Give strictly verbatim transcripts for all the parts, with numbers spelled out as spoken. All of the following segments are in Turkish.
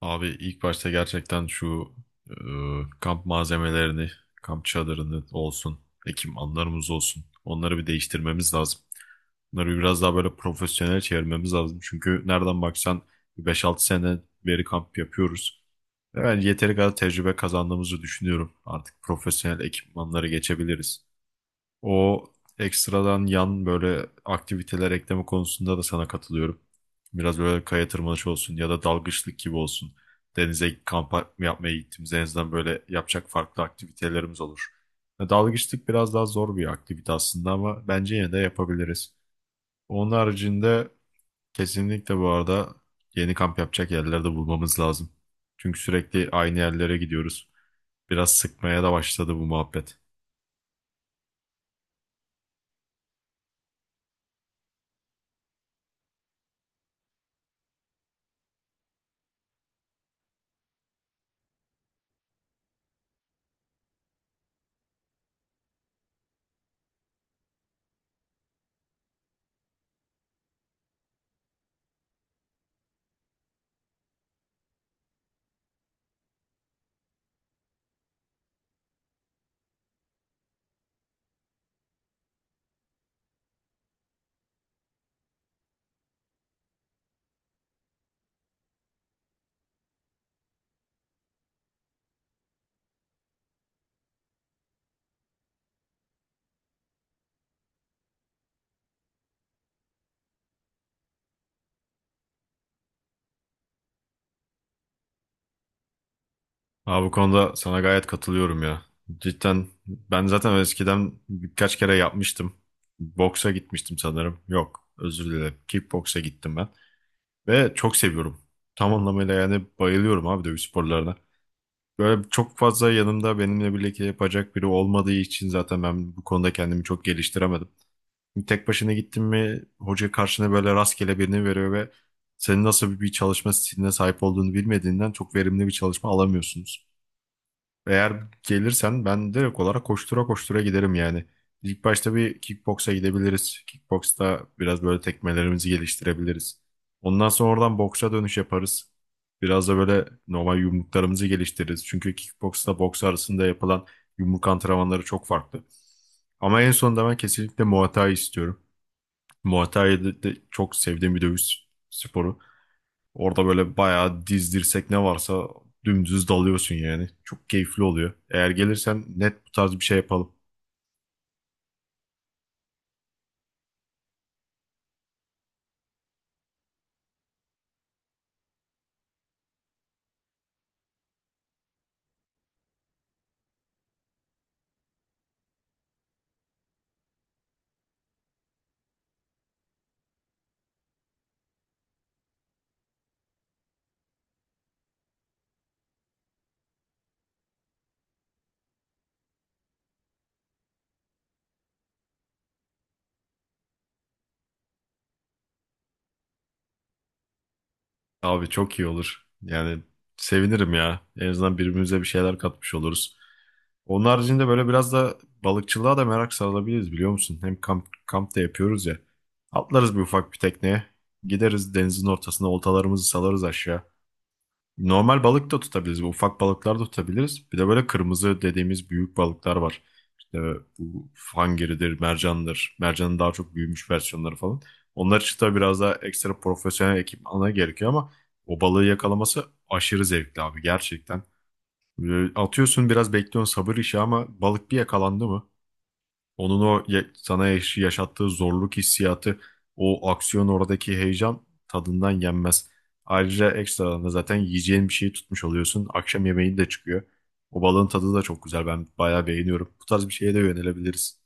Abi ilk başta gerçekten şu e, kamp malzemelerini, kamp çadırını olsun, ekipmanlarımız olsun. Onları bir değiştirmemiz lazım. Bunları biraz daha böyle profesyonel çevirmemiz lazım. Çünkü nereden baksan bir beş altı sene beri kamp yapıyoruz. Ve ben yeteri kadar tecrübe kazandığımızı düşünüyorum. Artık profesyonel ekipmanlara geçebiliriz. O ekstradan yan böyle aktiviteler ekleme konusunda da sana katılıyorum. Biraz böyle kaya tırmanışı olsun ya da dalgıçlık gibi olsun. Denize kamp yapmaya gittiğimiz en azından böyle yapacak farklı aktivitelerimiz olur. Ya dalgıçlık biraz daha zor bir aktivite aslında ama bence yine de yapabiliriz. Onun haricinde kesinlikle bu arada yeni kamp yapacak yerlerde bulmamız lazım. Çünkü sürekli aynı yerlere gidiyoruz. Biraz sıkmaya da başladı bu muhabbet. Abi bu konuda sana gayet katılıyorum ya. Cidden ben zaten eskiden birkaç kere yapmıştım. Boksa gitmiştim sanırım. Yok, özür dilerim. Kickboksa gittim ben. Ve çok seviyorum. Tam anlamıyla yani bayılıyorum abi dövüş sporlarına. Böyle çok fazla yanımda benimle birlikte yapacak biri olmadığı için zaten ben bu konuda kendimi çok geliştiremedim. Tek başına gittin mi hoca karşına böyle rastgele birini veriyor ve senin nasıl bir çalışma stiline sahip olduğunu bilmediğinden çok verimli bir çalışma alamıyorsunuz. Eğer gelirsen ben direkt olarak koştura koştura giderim yani. İlk başta bir kickboksa gidebiliriz. Kickboksta biraz böyle tekmelerimizi geliştirebiliriz. Ondan sonra oradan boksa dönüş yaparız. Biraz da böyle normal yumruklarımızı geliştiririz. Çünkü kickboksla boks arasında yapılan yumruk antrenmanları çok farklı. Ama en sonunda ben kesinlikle Muay Thai istiyorum. Muay Thai de de çok sevdiğim bir dövüş sporu. Orada böyle bayağı diz dirsek ne varsa dümdüz dalıyorsun yani. Çok keyifli oluyor. Eğer gelirsen net bu tarz bir şey yapalım. Abi çok iyi olur. Yani sevinirim ya. En azından birbirimize bir şeyler katmış oluruz. Onun haricinde böyle biraz da balıkçılığa da merak sarılabiliriz biliyor musun? Hem kamp, kamp da yapıyoruz ya. Atlarız bir ufak bir tekneye. Gideriz denizin ortasına oltalarımızı salarız aşağı. Normal balık da tutabiliriz. bu Ufak balıklar da tutabiliriz. Bir de böyle kırmızı dediğimiz büyük balıklar var. İşte bu hangiridir, mercandır. Mercanın daha çok büyümüş versiyonları falan. Onlar için tabii biraz daha ekstra profesyonel ekipmana gerekiyor ama o balığı yakalaması aşırı zevkli abi gerçekten. Böyle atıyorsun biraz bekliyorsun sabır işi ama balık bir yakalandı mı? Onun o ya- sana yaş- Yaşattığı zorluk hissiyatı, o aksiyon oradaki heyecan tadından yenmez. Ayrıca ekstradan da zaten yiyeceğin bir şeyi tutmuş oluyorsun. Akşam yemeğin de çıkıyor. O balığın tadı da çok güzel. Ben bayağı beğeniyorum. Bu tarz bir şeye de yönelebiliriz.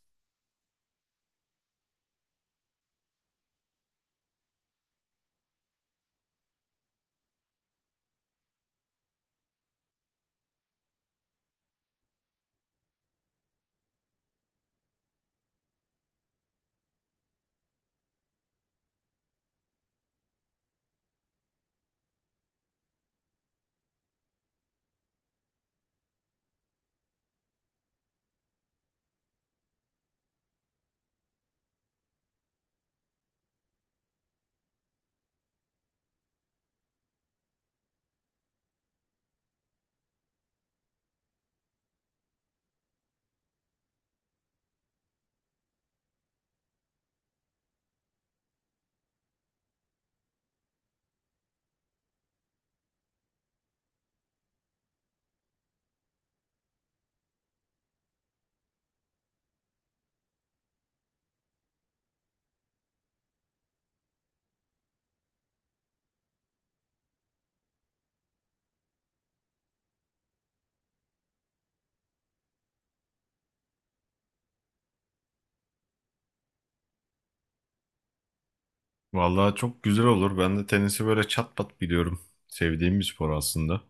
Vallahi çok güzel olur. Ben de tenisi böyle çat pat biliyorum. Sevdiğim bir spor aslında.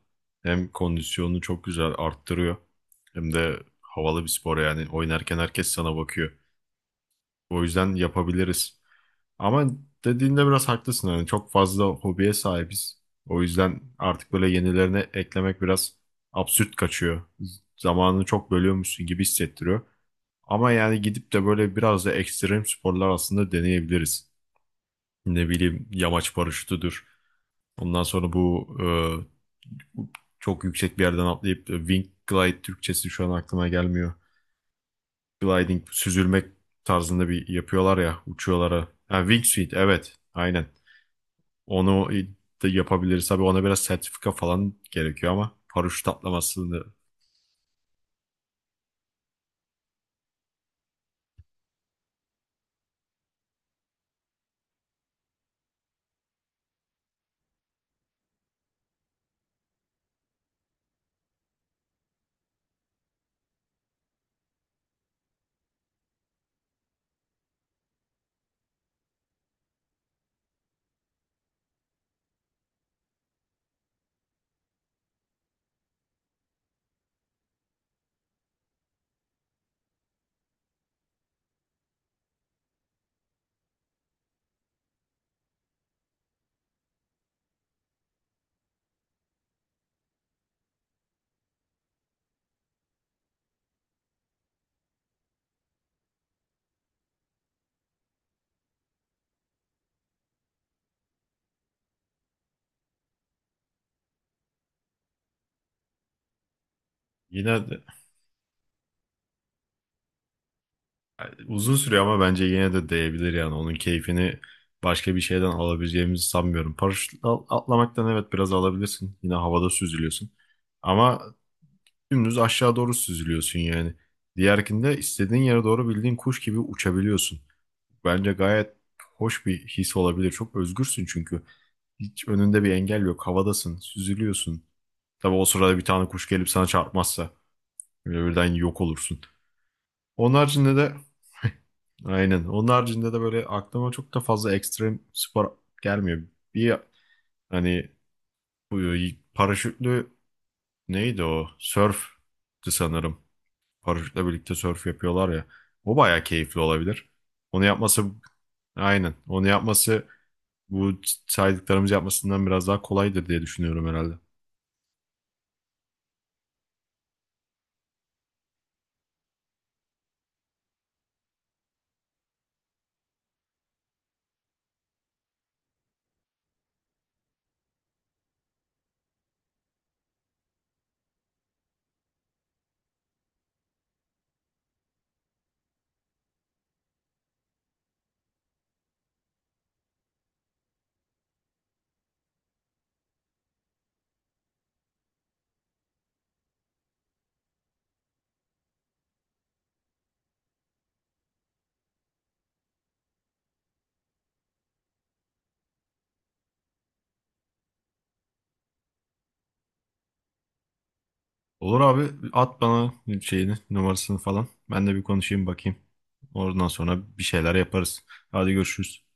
Hem kondisyonunu çok güzel arttırıyor. Hem de havalı bir spor yani. Oynarken herkes sana bakıyor. O yüzden yapabiliriz. Ama dediğinde biraz haklısın. Yani çok fazla hobiye sahibiz. O yüzden artık böyle yenilerini eklemek biraz absürt kaçıyor. Zamanını çok bölüyormuşsun gibi hissettiriyor. Ama yani gidip de böyle biraz da ekstrem sporlar aslında deneyebiliriz. Ne bileyim yamaç paraşütüdür. Ondan sonra bu e, çok yüksek bir yerden atlayıp e, wing glide Türkçesi şu an aklıma gelmiyor. Gliding, süzülmek tarzında bir yapıyorlar ya uçuyorlara. Ha, wingsuit evet aynen. Onu da yapabiliriz. Tabii ona biraz sertifika falan gerekiyor ama paraşüt atlamasını yine de uzun sürüyor ama bence yine de değebilir yani. Onun keyfini başka bir şeyden alabileceğimizi sanmıyorum. Paraşütle al- atlamaktan evet biraz alabilirsin. Yine havada süzülüyorsun. Ama dümdüz aşağı doğru süzülüyorsun yani. Diğerkinde istediğin yere doğru bildiğin kuş gibi uçabiliyorsun. Bence gayet hoş bir his olabilir. Çok özgürsün çünkü. Hiç önünde bir engel yok. Havadasın, süzülüyorsun. Tabii o sırada bir tane kuş gelip sana çarpmazsa böyle birden yok olursun. Onun haricinde de aynen. Onun haricinde de böyle aklıma çok da fazla ekstrem spor gelmiyor. Bir hani bu paraşütlü neydi o? Sörftü sanırım. Paraşütle birlikte sörf yapıyorlar ya. O bayağı keyifli olabilir. Onu yapması aynen. Onu yapması bu saydıklarımız yapmasından biraz daha kolaydır diye düşünüyorum herhalde. Olur abi at bana şeyini numarasını falan. Ben de bir konuşayım bakayım. Oradan sonra bir şeyler yaparız. Hadi görüşürüz.